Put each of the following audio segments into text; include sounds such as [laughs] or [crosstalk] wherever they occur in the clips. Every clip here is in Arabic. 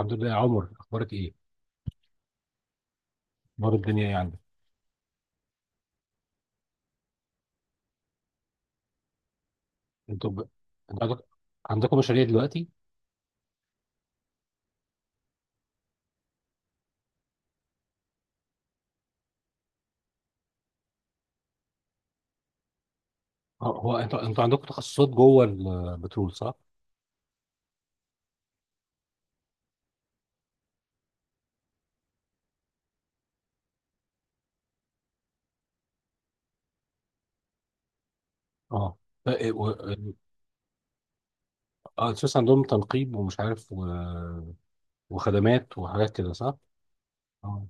الحمد لله يا عمر، اخبارك ايه؟ اخبار الدنيا ايه عندك؟ انتوا ب... انتوا عندك... عندكم مشاريع دلوقتي؟ اه هو انتوا عندكم تخصصات جوه البترول، صح؟ اه ف- و... اه، اساس عندهم تنقيب ومش عارف وخدمات وحاجات كده، صح؟ اه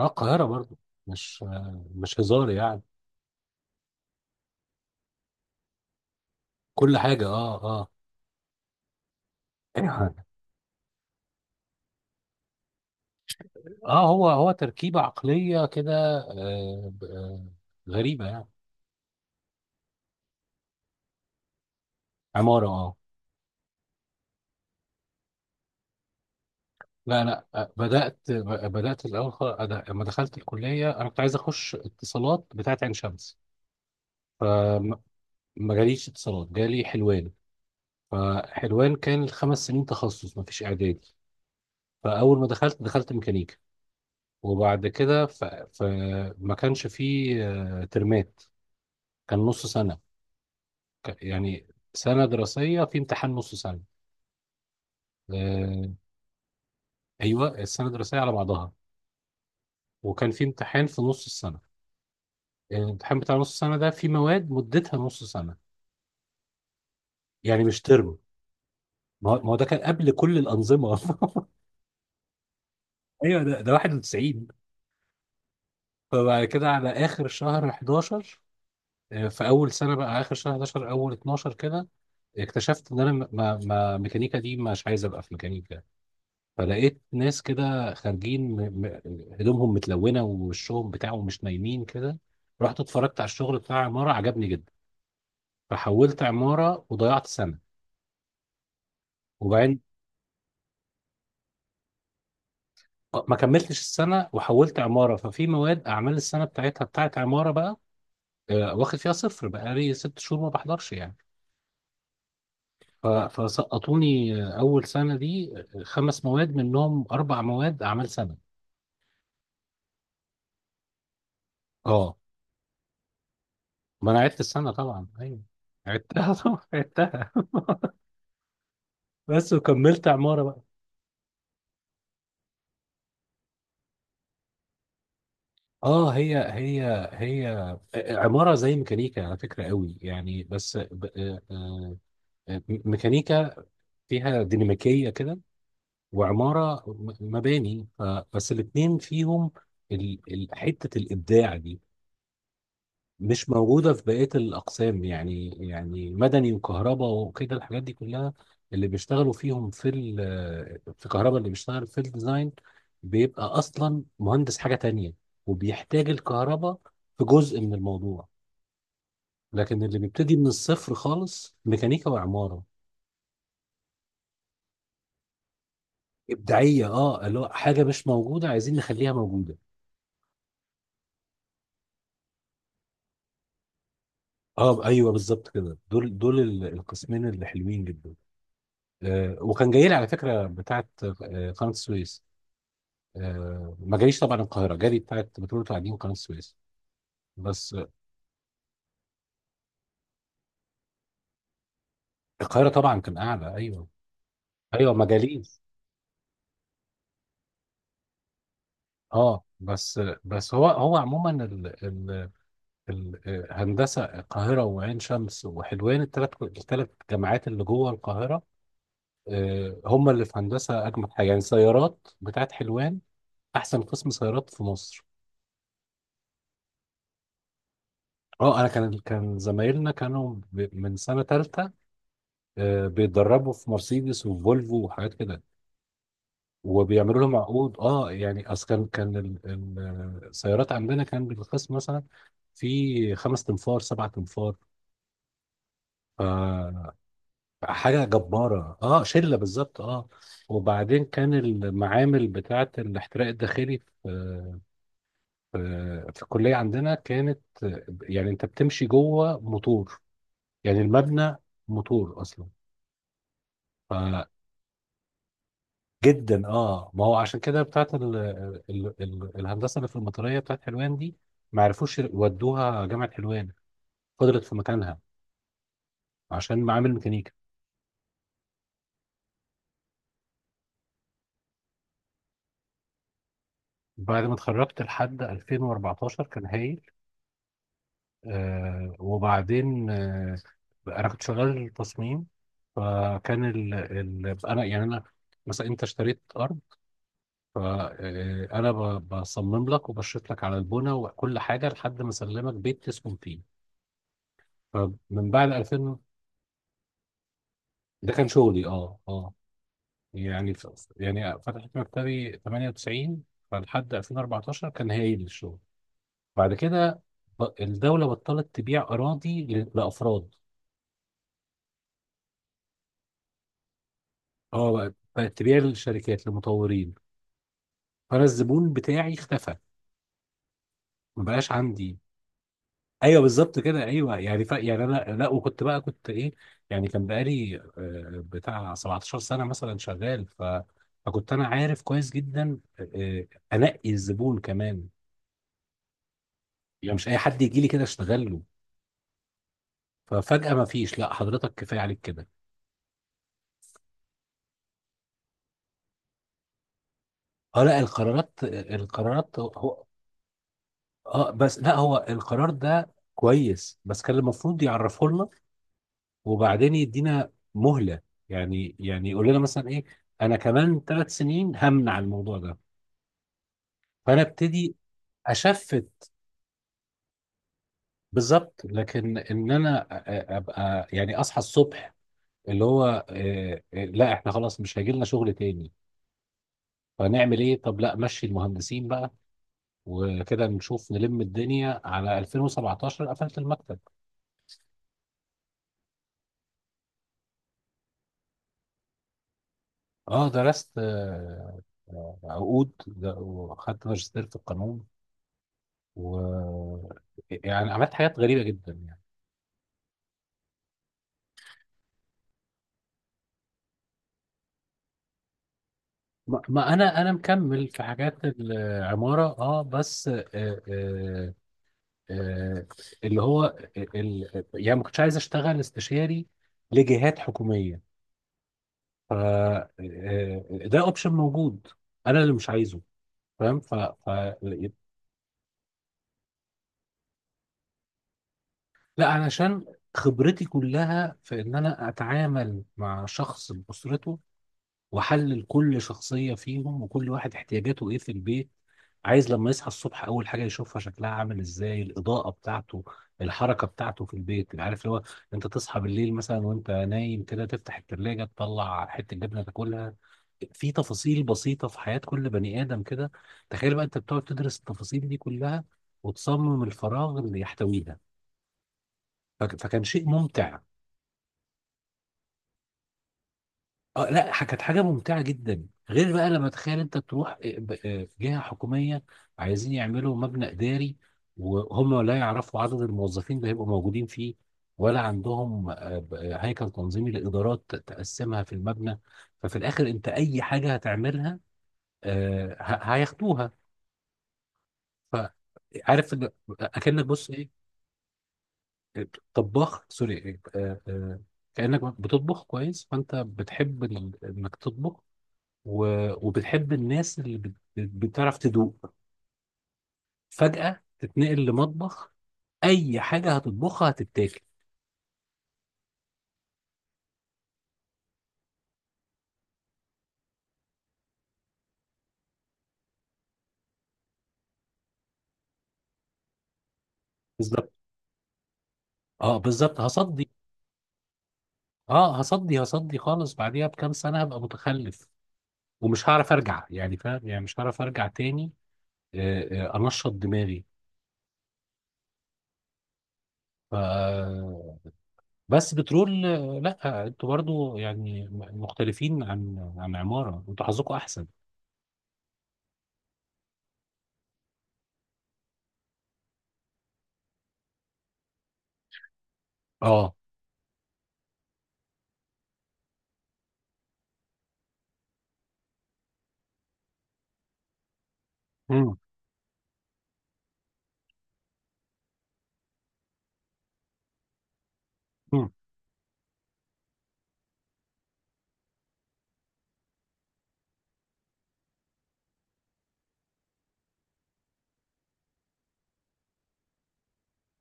اه، القاهره برضو، مش هزار يعني. كل حاجه، اه اه. [coughs] اه، هو تركيبه عقليه كده، آه... ب- آه، غريبه يعني. عماره، اه. لا انا بدات بدات الاول خالص، أنا لما دخلت الكليه انا كنت عايز اخش اتصالات بتاعت عين شمس، فما جاليش اتصالات، جالي حلوان. فحلوان كان الخمس سنين تخصص، ما فيش اعدادي. فاول ما دخلت، دخلت ميكانيكا. وبعد كده فما كانش فيه ترمات، كان نص سنه. ك- يعني سنه دراسيه في امتحان نص سنه. آه، ايوه، السنه الدراسيه على بعضها، وكان في امتحان في نص السنه. الامتحان بتاع نص السنة ده في مواد مدتها نص سنة، يعني مش تربو. ما هو ده كان قبل كل الأنظمة. [laughs] ايوه، ده 91. فبعد كده على آخر شهر 11، في أول سنة بقى آخر شهر 11 أول 12 كده، اكتشفت ان انا م- ما ما ميكانيكا دي، مش عايز ابقى في ميكانيكا. فلقيت ناس كده خارجين هدومهم متلونه ووشهم بتاعهم مش نايمين كده، رحت اتفرجت على الشغل بتاع عماره، عجبني جدا. فحولت عماره وضيعت سنه. وبعدين، ما كملتش السنة وحولت عمارة، ففي مواد أعمال السنة بتاعتها بتاعت عمارة بقى، واخد فيها صفر، بقالي ست شهور ما بحضرش يعني. فسقطوني أول سنة دي خمس مواد، منهم أربع مواد أعمال سنة. أه. ما أنا عدت السنة طبعا، أيوه عدتها، [laughs] طبعا عدتها. بس، وكملت عمارة بقى. اه، هي عمارة زي ميكانيكا على فكرة قوي يعني، بس ميكانيكا فيها ديناميكية كده، وعمارة مباني. بس الاتنين فيهم حتة الإبداع دي، مش موجودة في بقية الأقسام يعني، يعني مدني وكهرباء وكده، الحاجات دي كلها. اللي بيشتغلوا فيهم في في كهرباء، اللي بيشتغل في الديزاين بيبقى أصلا مهندس حاجة تانية، وبيحتاج الكهرباء في جزء من الموضوع. لكن اللي بيبتدي من الصفر خالص ميكانيكا وعمارة. إبداعية، اه، اللي هو حاجة مش موجودة عايزين نخليها موجودة. اه ايوه بالظبط كده، دول القسمين اللي حلوين جدا. آه، وكان جاي لي على فكره بتاعه آه قناه السويس. آه، ما جاليش طبعا، القاهره جالي، بتاعه بترول القاعدين قناه السويس، بس آه. القاهره طبعا كان اعلى، ايوه. ايوه، ما جاليش. اه بس آه، بس هو عموما ال ال ال آه، هندسه القاهره وعين شمس وحلوان، الثلاث جامعات اللي جوه القاهره، آه هم اللي في هندسه اجمد حاجه يعني. سيارات بتاعه حلوان، احسن قسم سيارات في مصر. اه، انا كان زمايلنا كانوا من سنه ثالثه بيتدربوا في مرسيدس وفولفو وحاجات كده، وبيعملوا لهم عقود، اه. يعني اصل كان السيارات عندنا كان بالقسم مثلا في خمس تنفار، سبع تنفار. ف- حاجه جباره، اه، شله بالظبط، اه. وبعدين كان المعامل بتاعه الاحتراق الداخلي في في الكليه عندنا كانت، يعني انت بتمشي جوه موتور، يعني المبنى موتور اصلا. جدا، اه. ما هو عشان كده بتاعت ال ال ال الهندسه اللي في المطريه بتاعت حلوان دي، ما عرفوش ودوها جامعه حلوان، فضلت في مكانها عشان معامل ميكانيكا. بعد ما اتخرجت لحد 2014 كان هايل. آه، وبعدين آه، انا كنت شغال تصميم. فكان ال ال انا يعني انا مثلا انت اشتريت ارض، فانا بصمم لك وبشرط لك على البنى وكل حاجه لحد ما اسلمك بيت تسكن فيه. فمن بعد، ده كان شغلي اه اه. يعني يعني فتحت مكتبي 98، فلحد 2014 كان هايل الشغل. بعد كده، الدولة بطلت تبيع أراضي لأفراد. اه، بقت تبيع للشركات، للمطورين. فأنا الزبون بتاعي اختفى، ما بقاش عندي. ايوه، بالظبط كده، ايوه. يعني يعني انا لا، وكنت بقى كنت ايه، يعني كان بقالي بتاع 17 سنة مثلا شغال. فكنت انا عارف كويس جدا، انقي الزبون كمان. يعني مش اي حد يجي لي كده اشتغل له. ففجأة ما فيش، لا حضرتك كفاية عليك كده. اه، لا، القرارات هو. اه، بس لا هو القرار ده كويس، بس كان المفروض يعرفه لنا وبعدين يدينا مهلة. يعني يقول لنا مثلا ايه، انا كمان ثلاث سنين همنع الموضوع ده، فانا ابتدي. اشفت، بالظبط. لكن ان انا ابقى يعني اصحى الصبح اللي هو لا احنا خلاص مش هيجي لنا شغل تاني، فنعمل ايه؟ طب لا مشي المهندسين بقى، وكده نشوف نلم الدنيا. على 2017 قفلت المكتب. اه درست عقود وخدت ماجستير في القانون و، يعني عملت حاجات غريبة جدا يعني. ما ما انا انا مكمل في حاجات العمارة اه، بس آه آه اللي هو، يعني ما كنتش عايز اشتغل استشاري لجهات حكومية. ف ده اوبشن موجود، انا اللي مش عايزه. فاهم؟ لا، علشان خبرتي كلها في ان انا اتعامل مع شخص باسرته، واحلل كل شخصيه فيهم، وكل واحد احتياجاته ايه في البيت. عايز لما يصحى الصبح اول حاجه يشوفها شكلها عامل ازاي، الاضاءه بتاعته، الحركه بتاعته في البيت. عارف اللي هو، انت تصحى بالليل مثلا وانت نايم كده، تفتح التلاجة تطلع حته جبنه تاكلها. في تفاصيل بسيطه في حياه كل بني ادم كده. تخيل بقى انت بتقعد تدرس التفاصيل دي كلها، وتصمم الفراغ اللي يحتويها. فكان شيء ممتع. اه لا، كانت حاجه ممتعه جدا، غير بقى لما تخيل انت تروح جهه حكوميه عايزين يعملوا مبنى اداري، وهم لا يعرفوا عدد الموظفين اللي هيبقوا موجودين فيه، ولا عندهم هيكل تنظيمي لادارات تقسمها في المبنى. ففي الاخر انت اي حاجه هتعملها هياخدوها. ف- عارف إن، اكنك بص ايه، طباخ سوري، إيه، آه، آه، كانك بتطبخ كويس، فانت بتحب إن انك تطبخ و... وبتحب الناس اللي بتعرف تدوق. فجأة تتنقل لمطبخ، أي حاجة هتطبخها هتتاكل. بالظبط، اه بالظبط، هصدي. اه، هصدي خالص، بعديها بكام سنة هبقى متخلف. ومش هعرف أرجع، يعني فاهم يعني، مش هعرف أرجع تاني أنشط دماغي. ف... بس بترول لا انتوا برضو يعني مختلفين عن عن عمارة، انتوا حظكم أحسن. اه. مم. مم.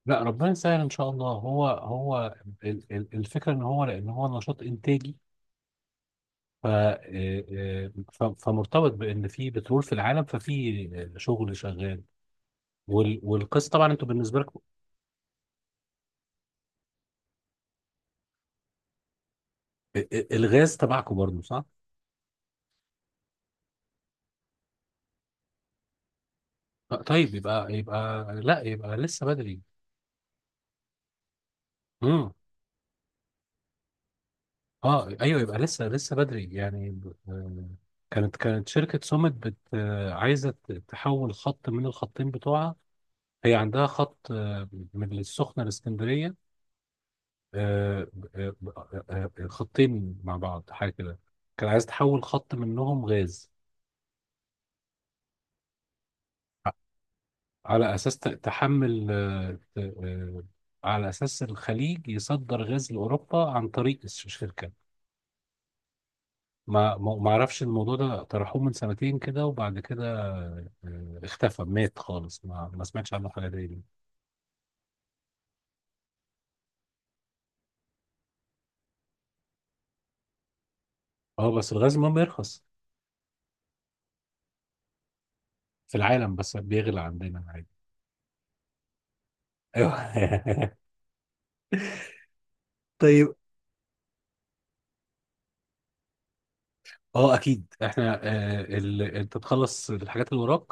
لا ربنا يسهل ان شاء الله. الفكره ان هو، لان هو نشاط انتاجي. ف آه، آه، ف- فمرتبط بان في بترول في العالم، ففي شغل شغال. والقصه طبعا انتوا بالنسبه لكم الغاز تبعكم برضه، صح؟ طيب، يبقى يبقى، لا يبقى لسه بدري. امم. اه ايوه، يبقى لسه بدري يعني. كانت شركه سوميت بت آه، عايزه تحول خط من الخطين بتوعها. هي عندها خط من السخنه لاسكندريه آه، آه، خطين مع بعض حاجه كده. كان عايز تحول خط منهم غاز، على اساس تحمل على اساس الخليج يصدر غاز لاوروبا عن طريق الشركه. ما اعرفش، الموضوع ده طرحوه من سنتين كده، وبعد كده اختفى مات خالص، ما سمعتش عنه حاجه تاني. اه، بس الغاز المهم يرخص في العالم، بس بيغلى عندنا عادي. ايوه. [laughs] اه اكيد احنا انت تخلص الحاجات اللي وراك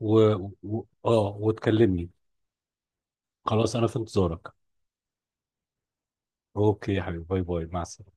و... اه وتكلمني. خلاص، انا في انتظارك. اوكي يا حبيبي، باي باي، مع السلامه.